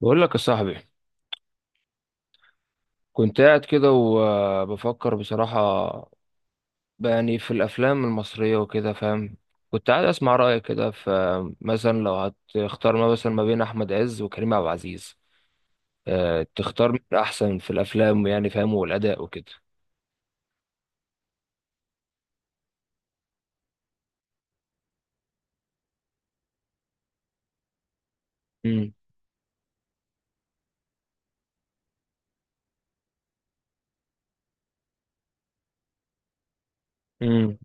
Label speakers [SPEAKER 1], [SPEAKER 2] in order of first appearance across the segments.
[SPEAKER 1] بقول لك يا صاحبي، كنت قاعد كده وبفكر بصراحة، بقى يعني في الأفلام المصرية وكده فاهم. كنت قاعد أسمع رأيك كده، فمثلا لو هتختار ما مثلا ما بين أحمد عز وكريم عبد العزيز، أه تختار مين أحسن في الأفلام يعني فاهم، والأداء وكده؟ امم. امم.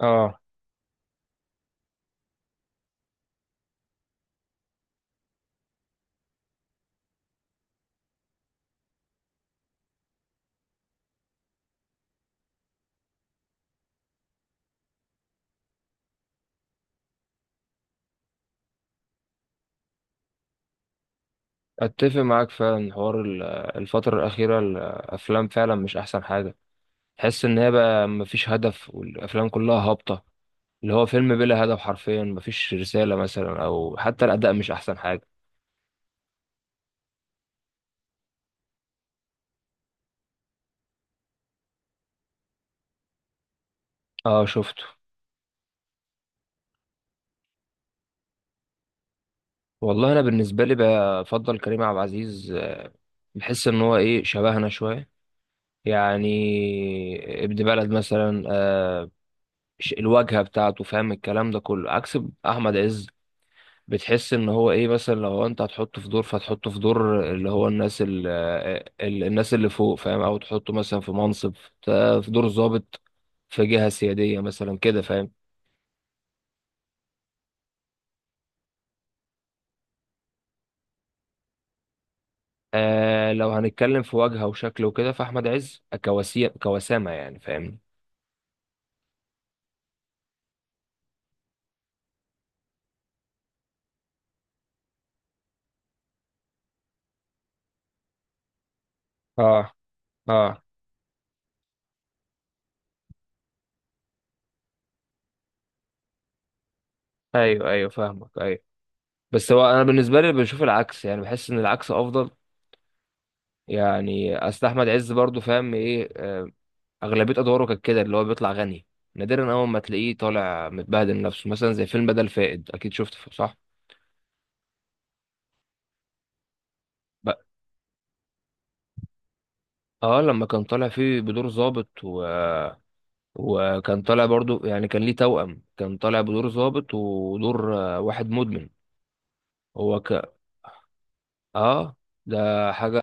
[SPEAKER 1] اه. أتفق معاك فعلا. حوار الفترة الأخيرة الأفلام فعلا مش أحسن حاجة. تحس إن هي بقى مفيش هدف والأفلام كلها هابطة، اللي هو فيلم بلا هدف حرفيا، مفيش رسالة مثلا أو حتى الأداء مش أحسن حاجة. اه، شفته. والله أنا بالنسبة لي بفضل كريم عبد العزيز، بحس إن هو إيه، شبهنا شوية، يعني ابن بلد مثلا، آه، الواجهة بتاعته فاهم الكلام ده كله، عكس أحمد عز. بتحس إن هو إيه، مثلا لو أنت هتحطه في دور فتحطه في دور اللي هو الناس الناس اللي فوق فاهم، أو تحطه مثلا في منصب، في دور ضابط، في جهة سيادية مثلا كده فاهم. آه لو هنتكلم في وجهه وشكل وكده، فاحمد عز كواسي كوسامه يعني فاهمني. اه، اه. ايوه ايوه، فاهمك، ايوه. بس هو انا بالنسبه لي بشوف العكس، يعني بحس ان العكس افضل. يعني اصل احمد عز برضو فاهم ايه، آه، اغلبيه ادواره كانت كده اللي هو بيطلع غني، نادرا اول ما تلاقيه طالع متبهدل نفسه، مثلا زي فيلم بدل فائد، اكيد شفته صح؟ ب- اه لما كان طالع فيه بدور ظابط وكان طالع برضو، يعني كان ليه توأم، كان طالع بدور ظابط ودور واحد مدمن. هو ك اه، ده حاجة،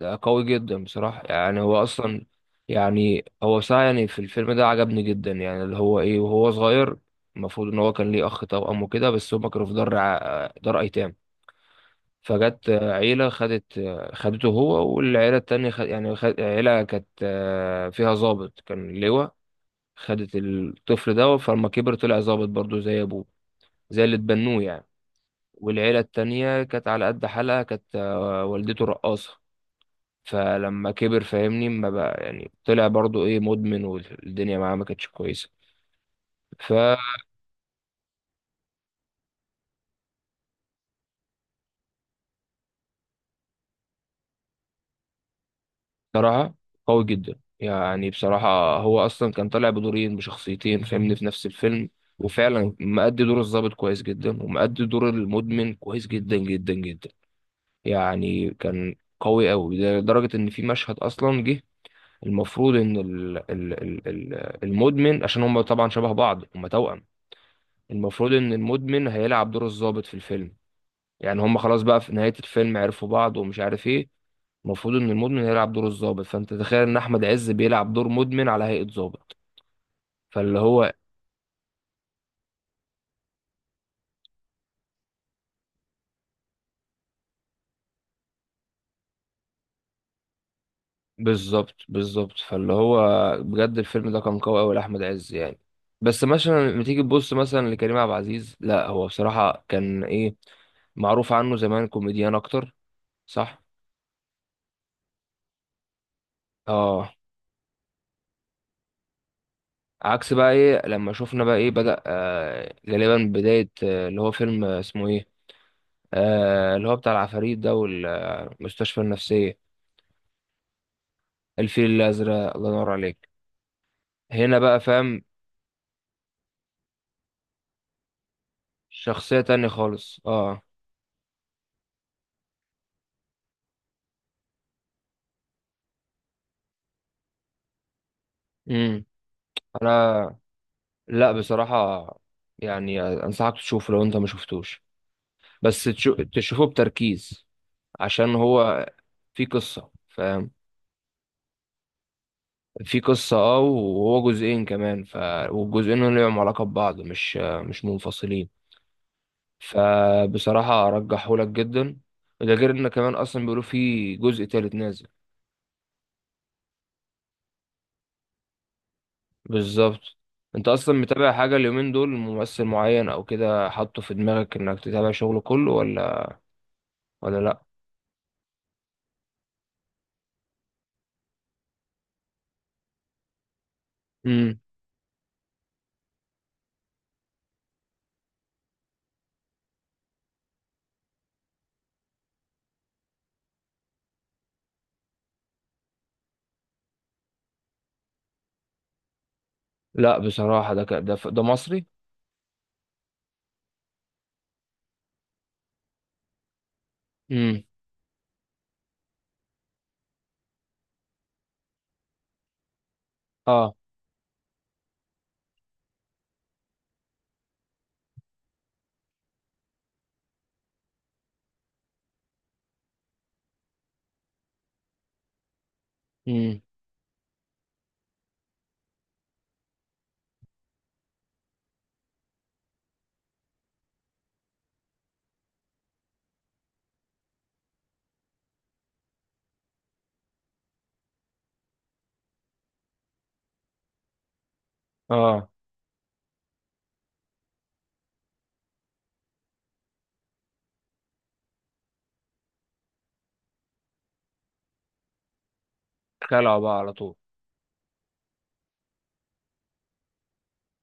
[SPEAKER 1] ده قوي جدا بصراحة. يعني هو أصلا، يعني هو بصراحة يعني في الفيلم ده عجبني جدا، يعني اللي هو إيه، وهو صغير المفروض إن هو كان ليه أخ توأم وكده، بس هما كانوا في دار دار أيتام، فجت عيلة خدت، خدته هو والعيلة التانية خد، يعني خد عيلة كانت فيها ضابط كان لواء، خدت الطفل ده، فلما كبر طلع ضابط برضه زي أبوه، زي اللي اتبنوه يعني. والعيلة التانية كانت على قد حالها، كانت والدته رقاصة، فلما كبر فاهمني ما بقى يعني طلع برضو ايه، مدمن، والدنيا معاه ما كانتش كويسه. فبصراحه قوي جدا، يعني بصراحه هو اصلا كان طالع بدورين بشخصيتين فاهمني في نفس الفيلم، وفعلا مأدي دور الضابط كويس جدا ومأدي دور المدمن كويس جدا جدا جدا. يعني كان قوي قوي لدرجه ان في مشهد اصلا جه. المفروض ان ال المدمن، عشان هم طبعا شبه بعض، هم توأم، المفروض ان المدمن هيلعب دور الضابط في الفيلم. يعني هم خلاص بقى في نهاية الفيلم عرفوا بعض ومش عارف ايه، المفروض ان المدمن هيلعب دور الضابط، فانت تخيل ان احمد عز بيلعب دور مدمن على هيئة ضابط. فاللي هو بالظبط بالظبط. فاللي هو بجد الفيلم ده كان قوي قوي لاحمد عز يعني. بس مثلا لما تيجي تبص مثلا لكريم عبد العزيز، لا هو بصراحة كان ايه، معروف عنه زمان كوميديان اكتر، صح. اه. عكس بقى ايه لما شفنا بقى ايه، بدأ آه غالبا بداية آه، اللي هو فيلم آه، اسمه ايه، آه، اللي هو بتاع العفاريت ده والمستشفى النفسية. الفيل الأزرق، الله ينور عليك. هنا بقى فاهم. شخصية تانية خالص، اه. امم. انا، لا بصراحة يعني انصحك تشوفه لو انت ما شفتوش، بس تشوفه بتركيز، عشان هو في قصة فاهم، في قصة، اه، وهو جزئين كمان والجزئين لهم علاقة ببعض، مش منفصلين. فبصراحة أرجحه لك جدا، ده غير إن كمان أصلا بيقولوا فيه جزء تالت نازل. بالظبط. أنت أصلا متابع حاجة اليومين دول، ممثل معين أو كده حاطه في دماغك إنك تتابع شغله كله، ولا ولا لأ؟ مم. لأ بصراحة. ده ك... ده ف... ده مصري؟ مم. آه. مم. آه. خلعوا بقى على طول.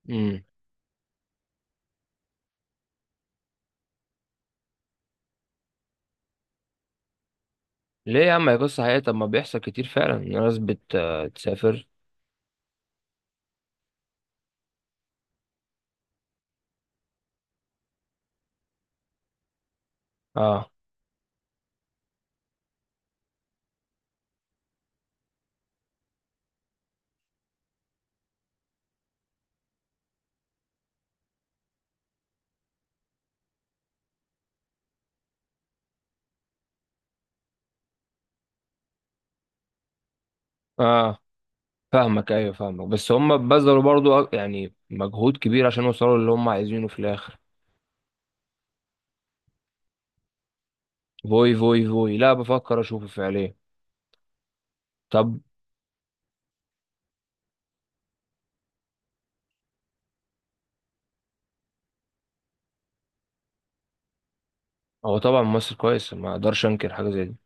[SPEAKER 1] مم. ليه يا عم، هي قصة حقيقية، طب ما بيحصل كتير فعلا إن ناس بتسافر. آه. آه، فاهمك، ايوه، فاهمك. بس هم بذلوا برضو يعني مجهود كبير عشان يوصلوا اللي هم عايزينه في الاخر. فوي فوي فوي، لا بفكر اشوفه فعليا. طب. هو طبعا ممثل كويس، ما اقدرش انكر حاجه زي دي.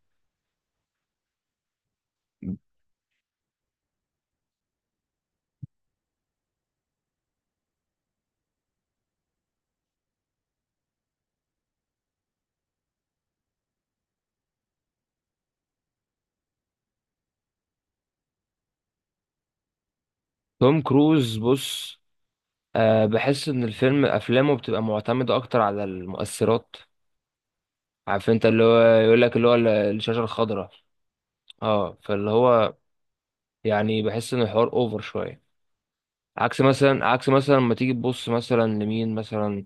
[SPEAKER 1] توم كروز، بص، أه بحس ان الفيلم افلامه بتبقى معتمده اكتر على المؤثرات، عارف انت اللي هو يقول لك اللي هو الشاشه الخضراء. اه، فاللي هو يعني بحس ان الحوار اوفر شويه، عكس مثلا، عكس مثلا لما تيجي تبص مثلا لمين مثلا،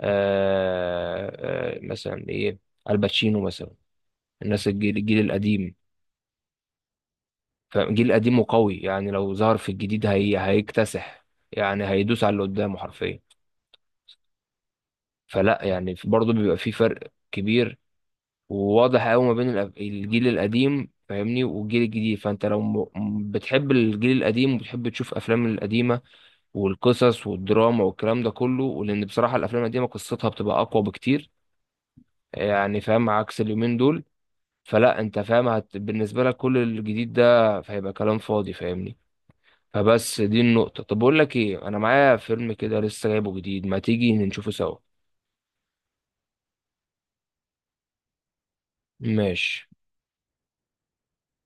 [SPEAKER 1] آه، مثلا ايه، الباتشينو مثلا، الناس الجيل الجيل القديم. فالجيل القديم وقوي، يعني لو ظهر في الجديد هي هيكتسح، يعني هيدوس على اللي قدامه حرفيا. فلا يعني برضه بيبقى في فرق كبير وواضح قوي ما بين الجيل القديم فاهمني والجيل الجديد. فانت لو بتحب الجيل القديم وبتحب تشوف افلام القديمه والقصص والدراما والكلام ده كله، ولان بصراحه الافلام القديمه قصتها بتبقى اقوى بكتير، يعني فاهم، عكس اليومين دول، فلا انت فاهم بالنسبه لك كل الجديد ده فهيبقى كلام فاضي فاهمني. فبس دي النقطه. طب اقول لك ايه، انا معايا فيلم كده لسه جايبه جديد، ما تيجي نشوفه سوا؟ ماشي.